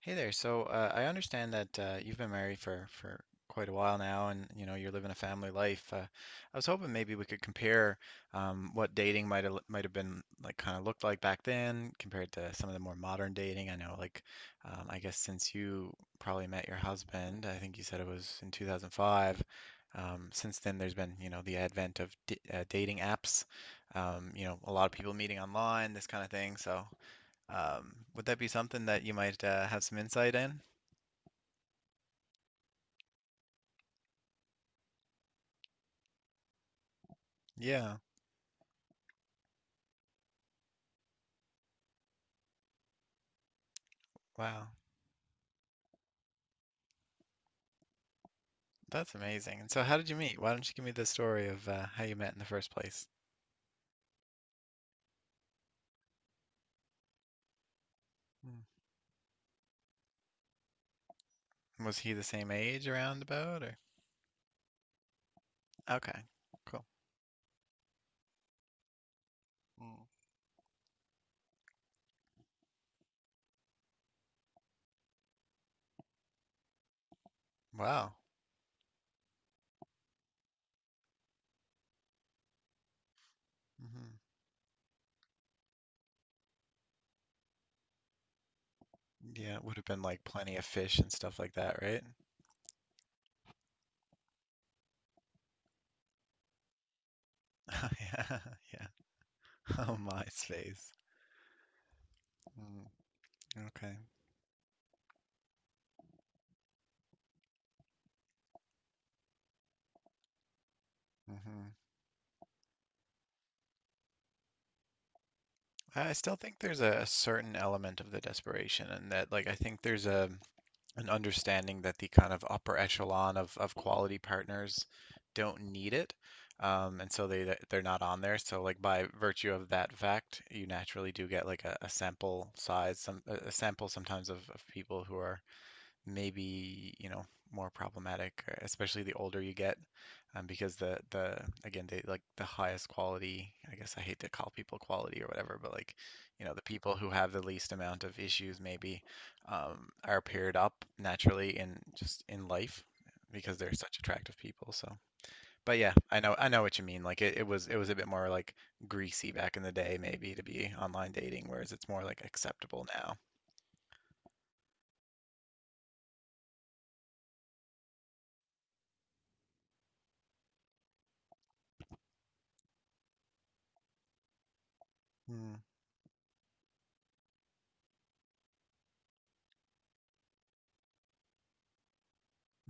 Hey there. I understand that you've been married for quite a while now, and you know you're living a family life. I was hoping maybe we could compare what dating might have been like, kind of looked like back then, compared to some of the more modern dating. I know, I guess since you probably met your husband, I think you said it was in 2005. Since then, there's been, you know, the advent of d dating apps. You know, a lot of people meeting online, this kind of thing. Would that be something that you might have some insight in? Yeah. Wow. That's amazing. And so how did you meet? Why don't you give me the story of how you met in the first place? Hmm. Was he the same age around about or? Okay. Cool. Mm. Wow. Hmm. Yeah, it would have been like plenty of fish and stuff like that, right? Yeah, yeah. Oh, MySpace. Mm, okay. Hmm. I still think there's a certain element of the desperation, and that, like, I think there's a and understanding that the kind of upper echelon of quality partners don't need it. And so they're not on there. So like by virtue of that fact, you naturally do get like a sample size, some a sample sometimes of people who are maybe, you know, more problematic, especially the older you get, because they like the highest quality, I guess. I hate to call people quality or whatever, but like, you know, the people who have the least amount of issues maybe, are paired up naturally in just in life because they're such attractive people. So but yeah, I know what you mean. Like it was a bit more like greasy back in the day maybe to be online dating, whereas it's more like acceptable now.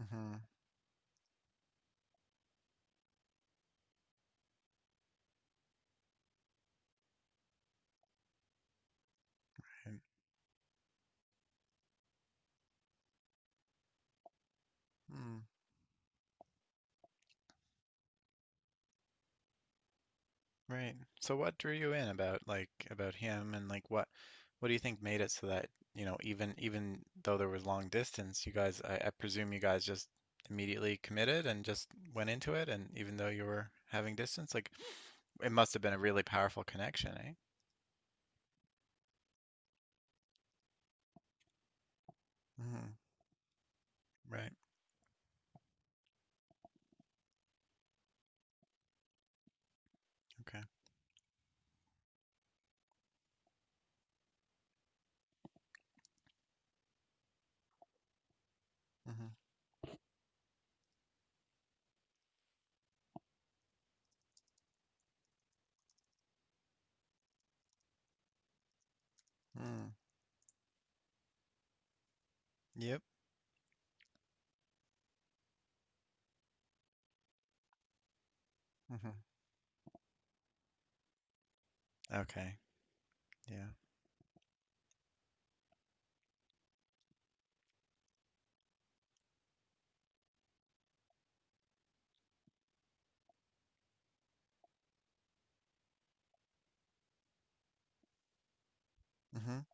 Mm-hmm. Right. So what drew you in about, like, about him, and like what do you think made it so that, you know, even even though there was long distance, you guys, I presume you guys just immediately committed and just went into it, and even though you were having distance, like it must have been a really powerful connection, eh? Hmm. Right. Okay. Hmm. Mm. Yep. Hmm. Okay. Yeah. Hmm.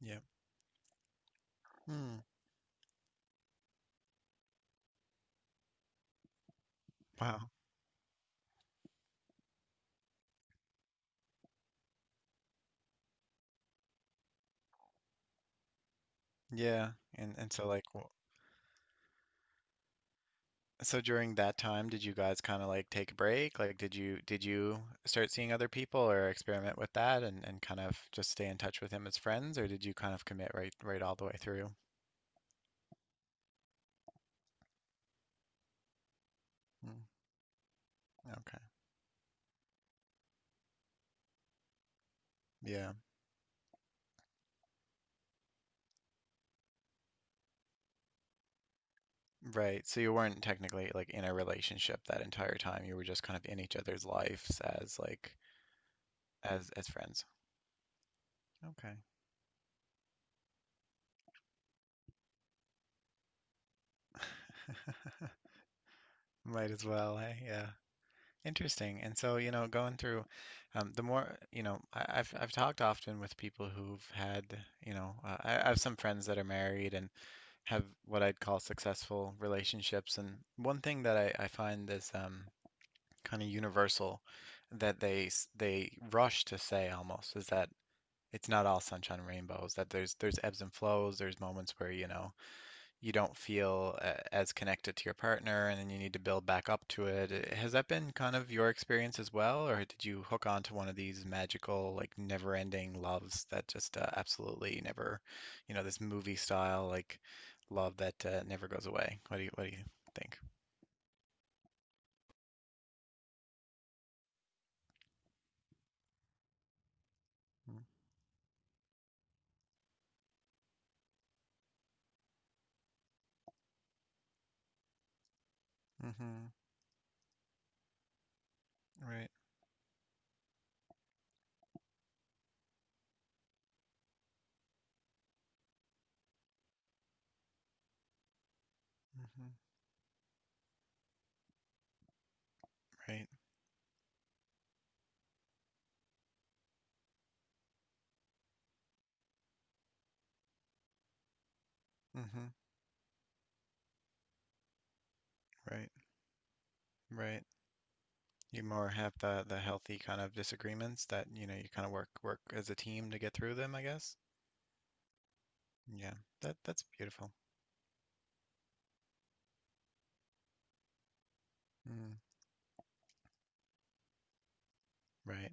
Yep. Mm. Wow. Yeah. And so like wh- So during that time, did you guys kind of like take a break? Like, did you start seeing other people or experiment with that, and kind of just stay in touch with him as friends, or did you kind of commit right all the way through? Mm, okay. Yeah. Right. So you weren't technically like in a relationship that entire time. You were just kind of in each other's lives as like as friends. Okay. Might as well, hey? Yeah. Interesting. And so, you know, going through, the more, you know, I've talked often with people who've had, you know, I have some friends that are married and have what I'd call successful relationships. And one thing that I find is, kind of universal, that they rush to say almost, is that it's not all sunshine and rainbows, that there's ebbs and flows, there's moments where, you know, you don't feel as connected to your partner, and then you need to build back up to it. Has that been kind of your experience as well, or did you hook on to one of these magical, like never-ending loves that just, absolutely never, you know, this movie style like love that, never goes away? What do you think? Mm. Mm-hmm. Right. Mm-hmm. Right. Mm-hmm. Right. Right. You more have the healthy kind of disagreements that, you know, you kind of work as a team to get through them, I guess. Yeah. That that's beautiful. Mm, right.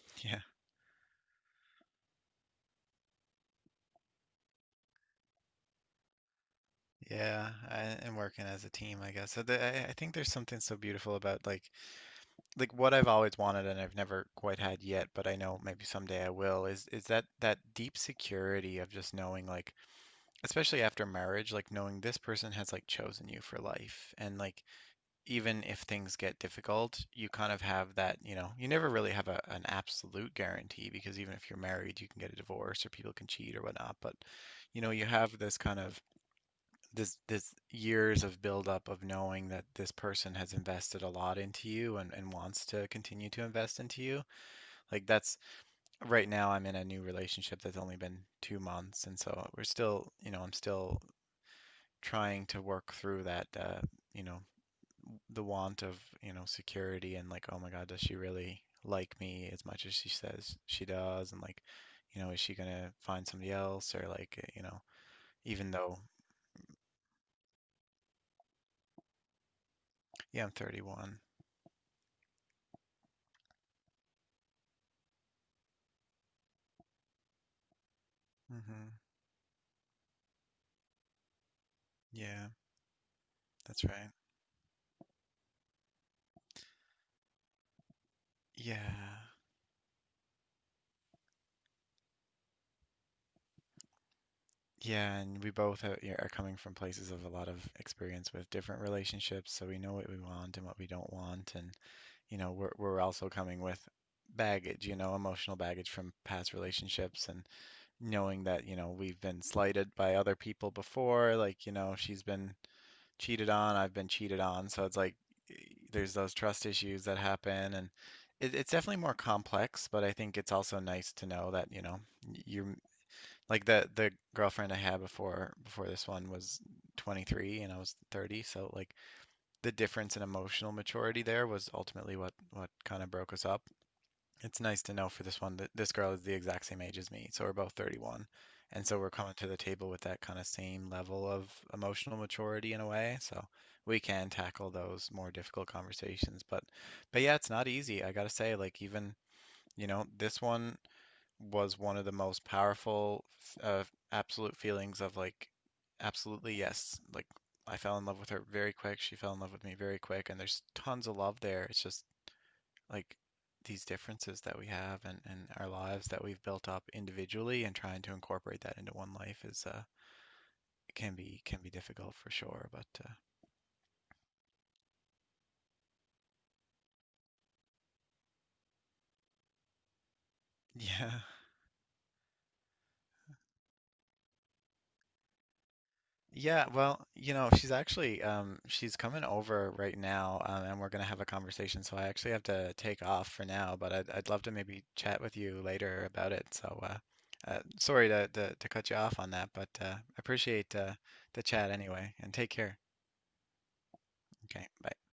Yeah. Yeah. And working as a team, I guess. So I think there's something so beautiful about like what I've always wanted and I've never quite had yet, but I know maybe someday I will, is that deep security of just knowing, like, especially after marriage, like knowing this person has like chosen you for life. And like even if things get difficult, you kind of have that, you know, you never really have an absolute guarantee, because even if you're married, you can get a divorce or people can cheat or whatnot, but you know, you have this kind of this years of buildup of knowing that this person has invested a lot into you, and wants to continue to invest into you. Like that's right now. I'm in a new relationship that's only been 2 months, and so we're still, you know, I'm still trying to work through that, you know, the want of, you know, security, and like, oh my God, does she really like me as much as she says she does? And like, you know, is she gonna find somebody else, or like, you know, even though, yeah, I'm 31. Hmm. Yeah. That's right. Yeah. Yeah, and we both are, yeah, are coming from places of a lot of experience with different relationships, so we know what we want and what we don't want, and you know, we're also coming with baggage, you know, emotional baggage from past relationships, and knowing that, you know, we've been slighted by other people before, like, you know, she's been cheated on, I've been cheated on, so it's like, eh, there's those trust issues that happen, and it's definitely more complex, but I think it's also nice to know that, you know, you're like the girlfriend I had before this one was 23 and I was 30, so like the difference in emotional maturity there was ultimately what kind of broke us up. It's nice to know for this one that this girl is the exact same age as me, so we're both 31. And so we're coming to the table with that kind of same level of emotional maturity in a way, so we can tackle those more difficult conversations. But yeah, it's not easy. I gotta say, like, even you know, this one was one of the most powerful, uh, absolute feelings of like absolutely yes, like I fell in love with her very quick, she fell in love with me very quick, and there's tons of love there. It's just like these differences that we have, and our lives that we've built up individually, and trying to incorporate that into one life is, can be, can be difficult for sure, but yeah. Yeah, well, you know, she's actually she's coming over right now, and we're gonna have a conversation. So I actually have to take off for now, but I'd love to maybe chat with you later about it. So sorry to, to cut you off on that, but appreciate the chat anyway, and take care. Okay, bye.